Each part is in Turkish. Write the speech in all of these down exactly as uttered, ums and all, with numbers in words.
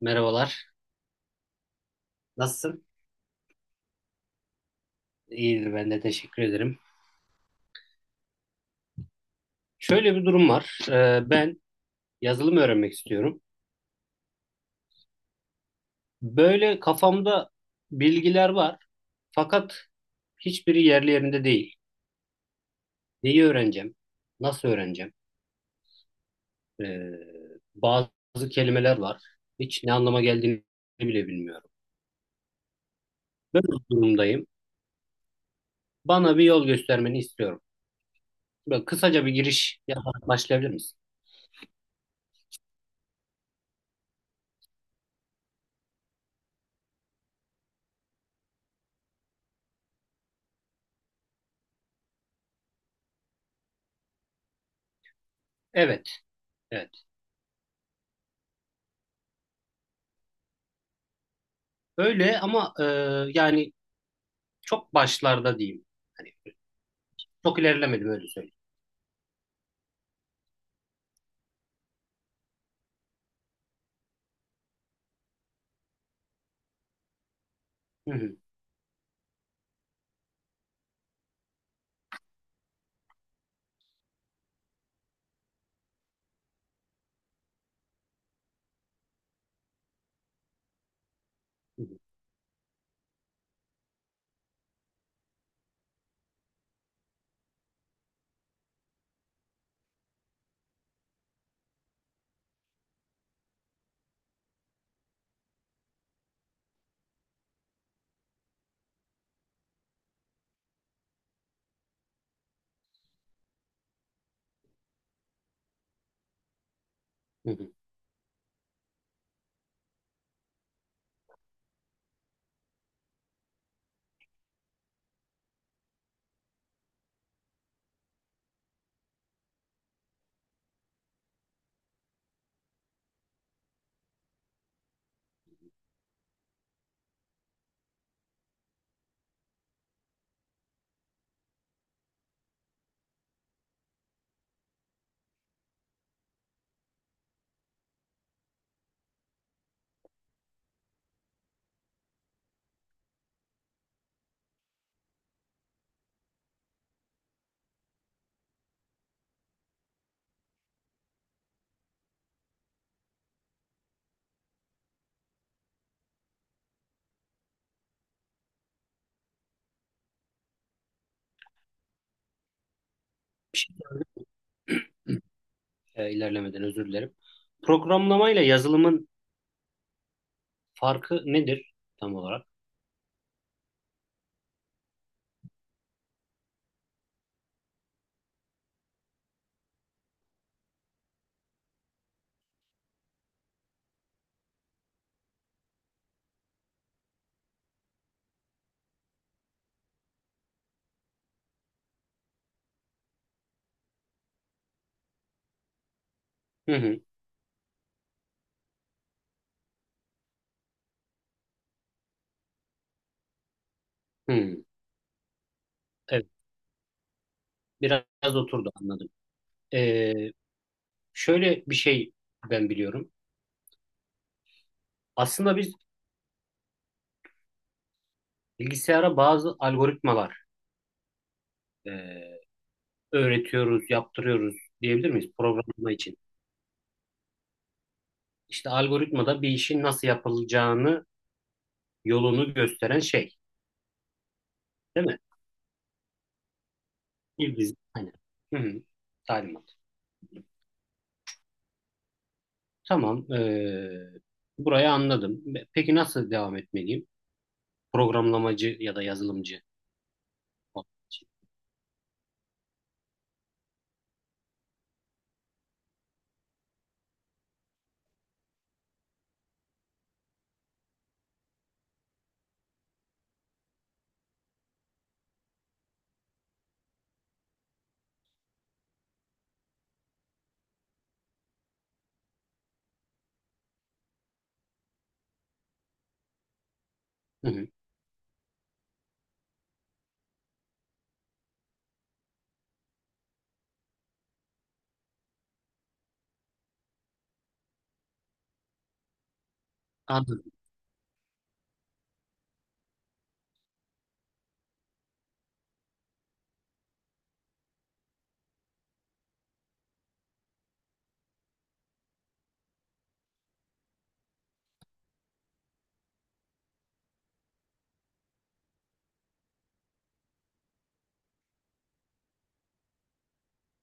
Merhabalar. Nasılsın? İyidir ben de teşekkür ederim. Şöyle bir durum var. Ee, ben yazılım öğrenmek istiyorum. Böyle kafamda bilgiler var. Fakat hiçbiri yerli yerinde değil. Neyi öğreneceğim? Nasıl öğreneceğim? Ee, Bazı kelimeler var. Hiç ne anlama geldiğini bile bilmiyorum. Böyle bir durumdayım. Bana bir yol göstermeni istiyorum. Böyle kısaca bir giriş yaparak başlayabilir misin? Evet, evet. Öyle ama e, yani çok başlarda diyeyim. Hani Çok ilerlemedim öyle söyleyeyim. Hı hı, hı hı, hı hı. Ee, ilerlemeden özür dilerim. Programlamayla yazılımın farkı nedir tam olarak? Hı hı, hı. Evet, biraz oturdu anladım. Ee, Şöyle bir şey ben biliyorum. Aslında biz bilgisayara bazı algoritmalar e, öğretiyoruz, yaptırıyoruz diyebilir miyiz programlama için? İşte algoritmada bir işin nasıl yapılacağını, yolunu gösteren şey, değil mi? Bir dizi- Aynen. Hı hı. Talimat. Tamam, eee, burayı anladım. Be- Peki nasıl devam etmeliyim? Programlamacı ya da yazılımcı olmak için. Hı hı, anladım.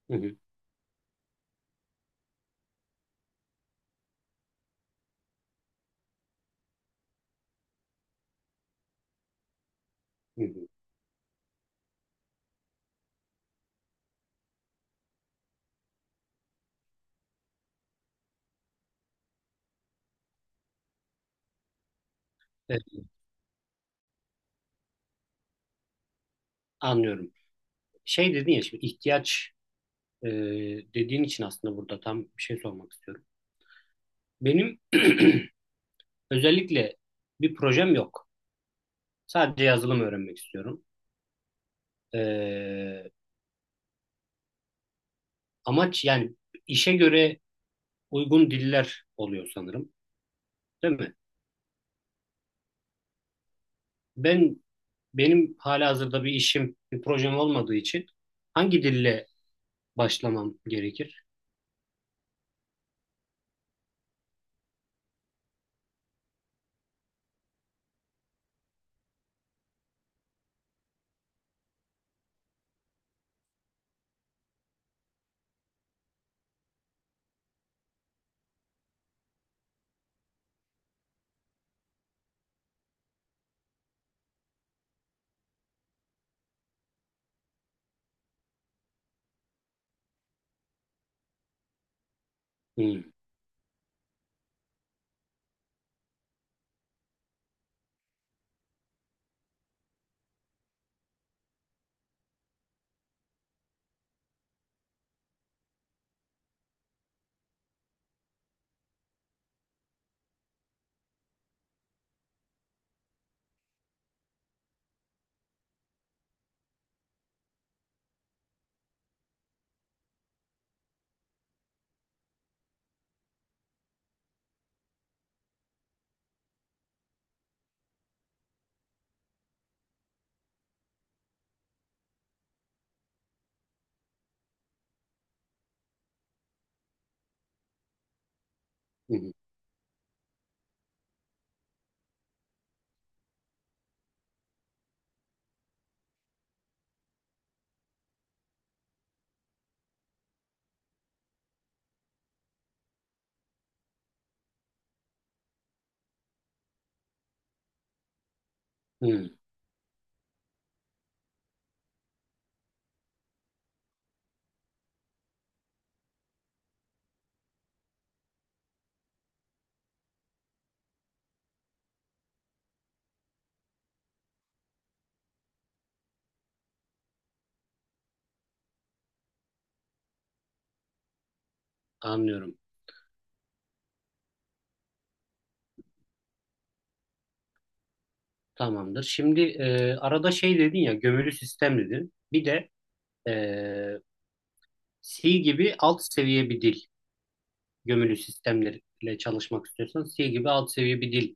Hı hı, hı hı. Evet, anlıyorum. Şey dedin ya şimdi ihtiyaç eee, dediğin için aslında burada tam bir şey sormak istiyorum. Benim özellikle bir projem yok. Sadece yazılım öğrenmek istiyorum. Eee, Amaç yani işe göre uygun diller oluyor sanırım, değil mi? Ben Benim halihazırda bir işim, bir projem olmadığı için hangi dille başlamam gerekir? Hmm, hmm, hmm, anlıyorum. Tamamdır. Şimdi e, arada şey dedin ya, gömülü sistem dedin. Bir de e, C gibi alt seviye bir dil. Gömülü sistemlerle çalışmak istiyorsan C gibi alt seviye bir dil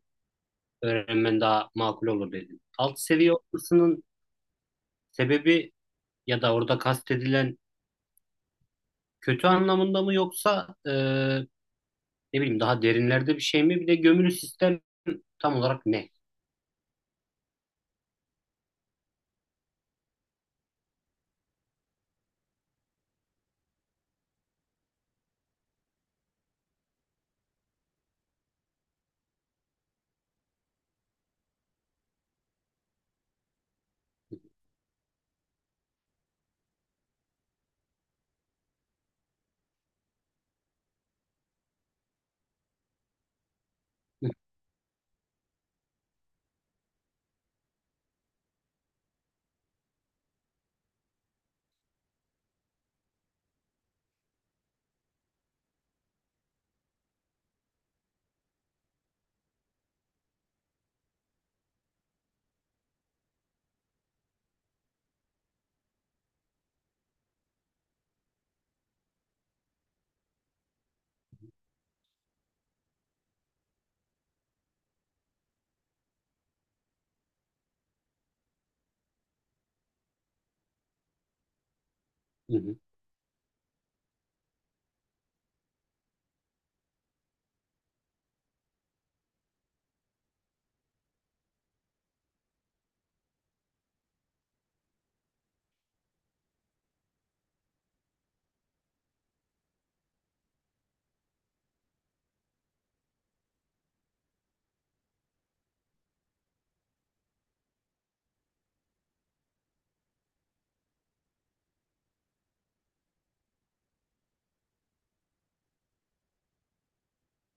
öğrenmen daha makul olur dedin. Alt seviye olmasının sebebi ya da orada kastedilen kötü anlamında mı yoksa e, ne bileyim daha derinlerde bir şey mi? Bir de gömülü sistem tam olarak ne? Hı hı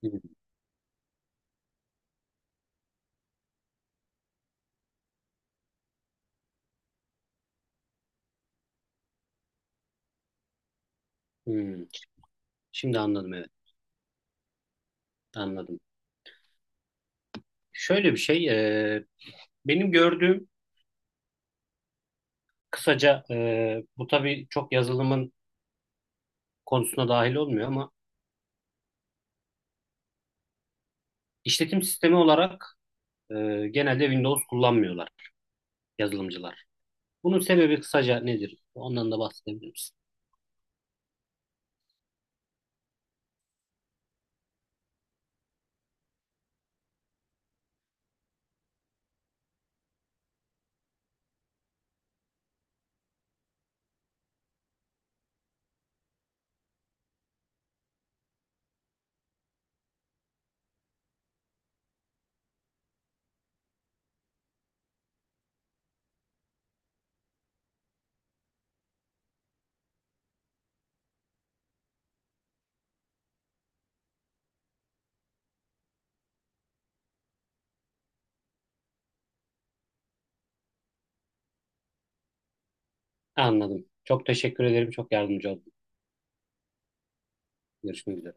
hı. Hmm. Şimdi anladım evet. Anladım. Şöyle bir şey, e, benim gördüğüm kısaca, e, bu tabii çok yazılımın konusuna dahil olmuyor ama işletim sistemi olarak e, genelde Windows kullanmıyorlar yazılımcılar. Bunun sebebi kısaca nedir? Ondan da bahsedebilir misin? Anladım. Çok teşekkür ederim. Çok yardımcı oldun. Görüşmek üzere.